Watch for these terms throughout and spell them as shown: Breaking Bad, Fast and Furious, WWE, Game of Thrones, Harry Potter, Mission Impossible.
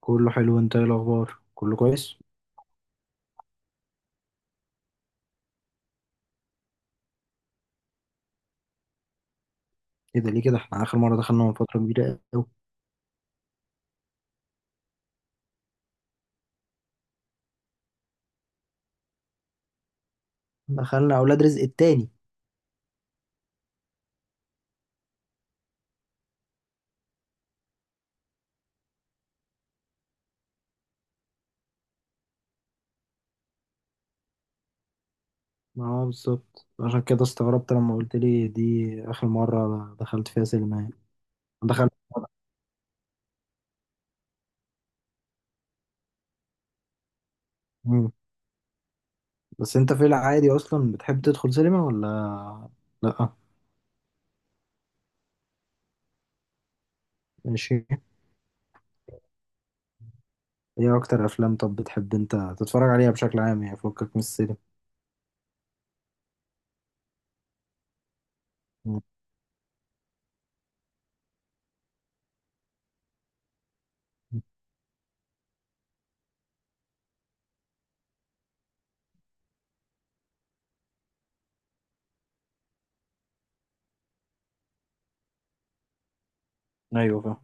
كله حلو، انت ايه الاخبار؟ كله كويس؟ ايه ده؟ ليه كده؟ احنا اخر مره دخلنا من فتره كبيره قوي. دخلنا اولاد رزق التاني. ما هو بالظبط، عشان كده استغربت لما قلت لي دي اخر مره دخلت فيها سينما يعني. دخلت. مم. بس انت في العادي اصلا بتحب تدخل سينما ولا لا؟ ماشي. ايه اكتر افلام طب بتحب انت تتفرج عليها بشكل عام يعني فكك من السينما؟ مم. ايوه فاهم.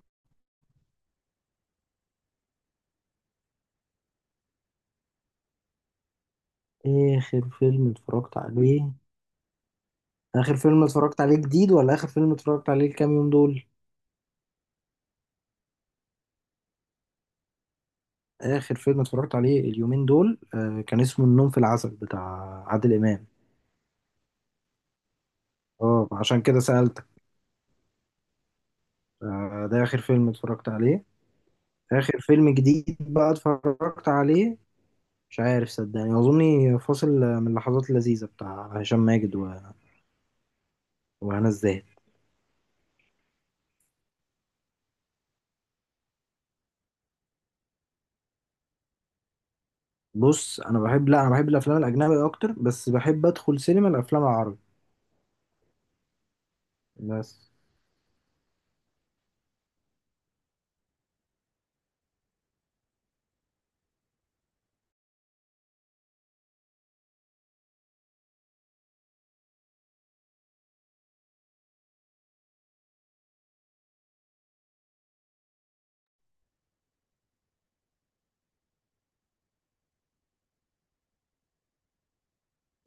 اخر فيلم اتفرجت عليه؟ اخر فيلم اتفرجت عليه جديد ولا اخر فيلم اتفرجت عليه الكام يوم دول؟ آخر فيلم اتفرجت عليه اليومين دول كان اسمه النوم في العسل بتاع عادل إمام. اه عشان كده سألتك. آه، ده آخر فيلم اتفرجت عليه. آخر فيلم جديد بقى اتفرجت عليه مش عارف صدقني، أظني فاصل من اللحظات اللذيذة بتاع هشام ماجد وهنا الزاهد. بص، أنا بحب، لا أنا بحب الأفلام الأجنبي أكتر بس بحب أدخل سينما الأفلام العربي. بس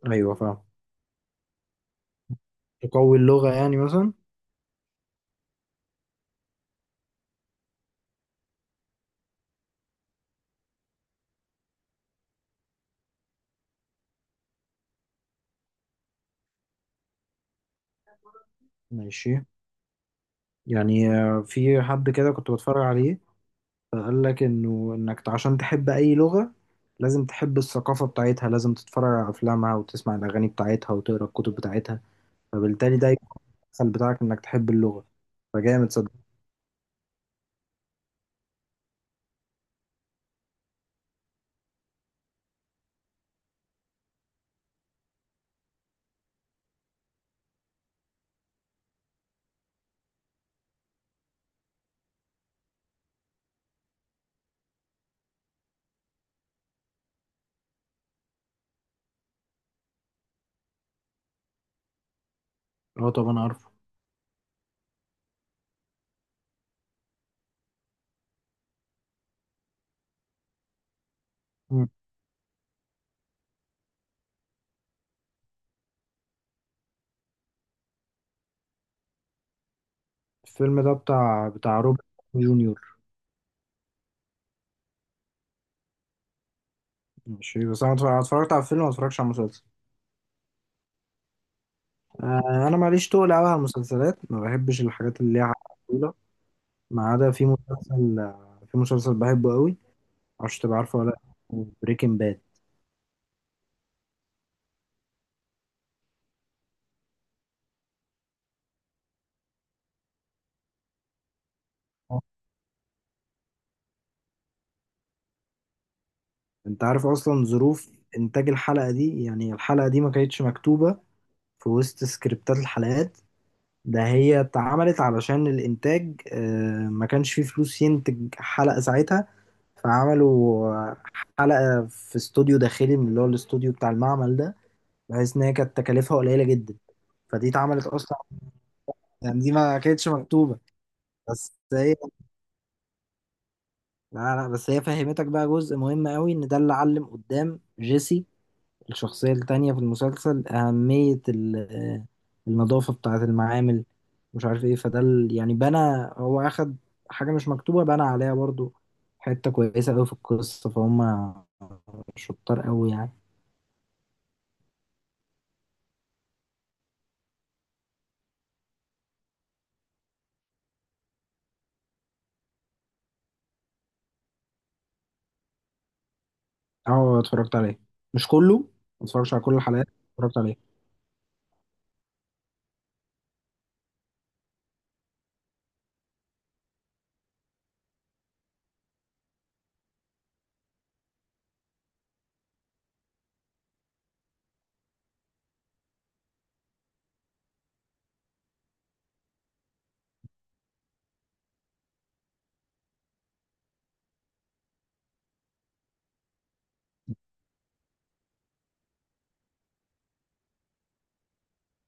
أيوه فاهم. تقوي اللغة يعني مثلا. ماشي. يعني في حد كده كنت بتفرج عليه فقال لك انه انك عشان تحب اي لغة لازم تحب الثقافة بتاعتها، لازم تتفرج على افلامها وتسمع الاغاني بتاعتها وتقرا الكتب بتاعتها، فبالتالي ده يكون الدخل بتاعك انك تحب اللغة. فجامد صدق. اه طب انا عارفه. مم. الفيلم ده بتاع روبرت جونيور. مش بس انا أنا اتفرجت على الفيلم ما اتفرجتش على المسلسل. آه، انا ماليش تقل قوي على المسلسلات، ما بحبش الحاجات اللي ليها طويلة. ما عدا في مسلسل، في مسلسل بحبه قوي. معرفش تبقى عارفه ولا. بريكنج باد. انت عارف اصلا ظروف انتاج الحلقة دي؟ يعني الحلقة دي ما كانتش مكتوبة في وسط سكريبتات الحلقات، ده هي اتعملت علشان الانتاج ما كانش فيه فلوس ينتج حلقة ساعتها. فعملوا حلقة في استوديو داخلي من اللي هو الاستوديو بتاع المعمل ده، بحيث ان هي كانت تكاليفها قليلة جدا، فدي اتعملت اصلا، يعني دي ما كانتش مكتوبة. بس هي لا لا، بس هي فهمتك بقى جزء مهم قوي ان ده اللي علم قدام جيسي الشخصية التانية في المسلسل أهمية النظافة بتاعة المعامل. مش عارف ايه فده يعني بنى. هو أخد حاجة مش مكتوبة بنى عليها برضو حتة كويسة أوي في القصة، فهم شطار أوي يعني. اه اتفرجت عليه. مش كله، ما اتفرجتش على كل الحلقات. اتفرجت عليه.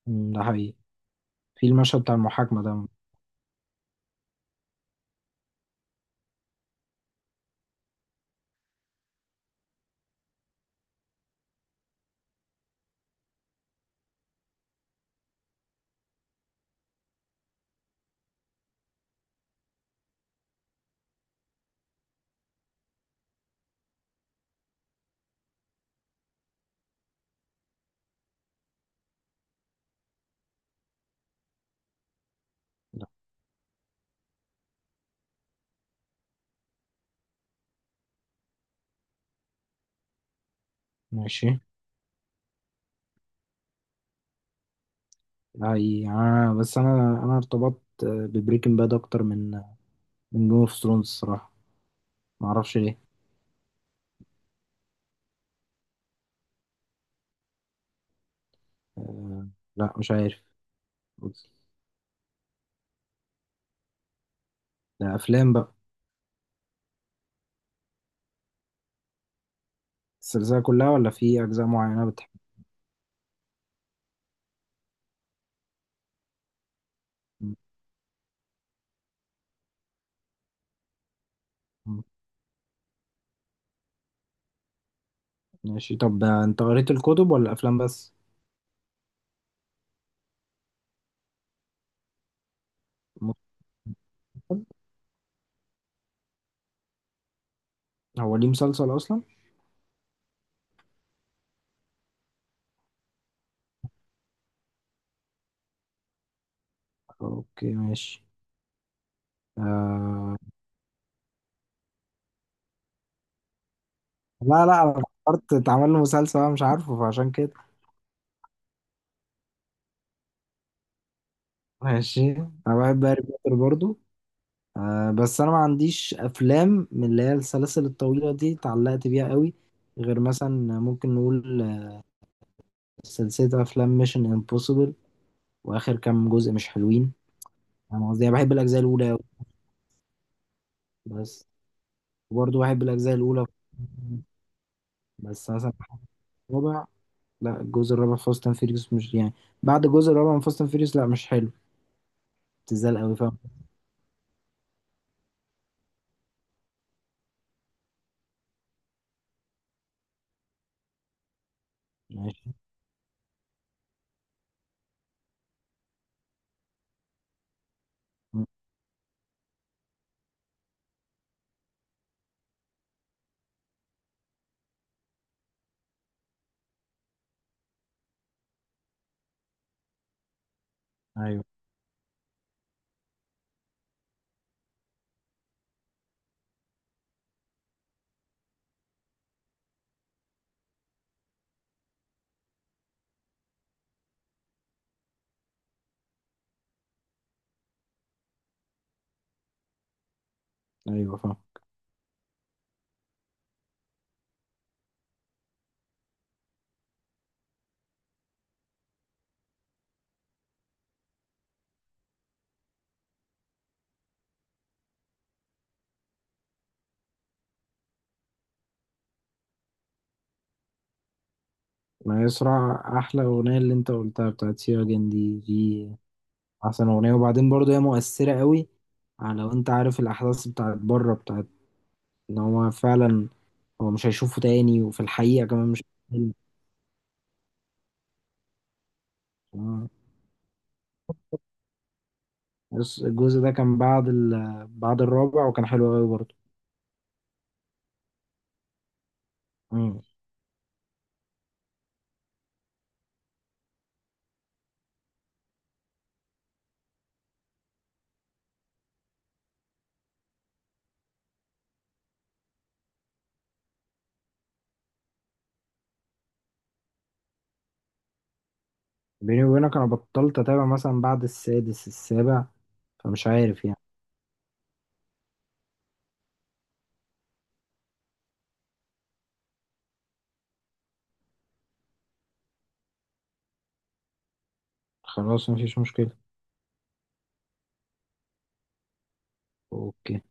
أمم، ده حقيقي. في المشهد بتاع المحاكمة ده ماشي. ده حقيقي آه، بس أنا ارتبطت ببريكنج باد أكتر من جيم اوف ثرونز الصراحة. معرفش ليه. آه، لا مش عارف. ده افلام بقى. السلسله كلها ولا في اجزاء معينه بتحب؟ م- ماشي. طب انت قريت الكتب ولا افلام بس؟ مسلسل. هو ليه مسلسل اصلا؟ اوكي ماشي. آه... لا لا انا فكرت اتعمل له مسلسل انا مش عارفه فعشان كده. ماشي. انا بحب هاري بوتر برضو. آه بس انا ما عنديش افلام من اللي هي السلاسل الطويله دي اتعلقت بيها قوي، غير مثلا ممكن نقول سلسله افلام ميشن امبوسيبل. واخر كام جزء مش حلوين. انا قصدي أنا بحب الاجزاء الاولى أوي. بس وبرضه بحب الاجزاء الاولى. بس مثلا الرابع. لا الجزء الرابع فاست اند فيريوس مش يعني. بعد الجزء الرابع من فاست اند فيريوس لا مش حلو. بتزعل قوي فاهم. ماشي. م. ايوه، ايوه فاهم. ما يسرع احلى اغنيه اللي انت قلتها بتاعت سيا جن دي احسن اغنيه. وبعدين برضه هي مؤثره قوي، على لو انت عارف الاحداث بتاعت بره بتاعت ان هو فعلا هو مش هيشوفه تاني. وفي الحقيقه كمان مش هيشوفه تاني. بس الجزء ده كان بعد بعد الرابع وكان حلو قوي برضه. امم. بيني وبينك انا بطلت اتابع مثلا بعد السادس السابع فمش عارف يعني. خلاص مفيش مشكلة. اوكي.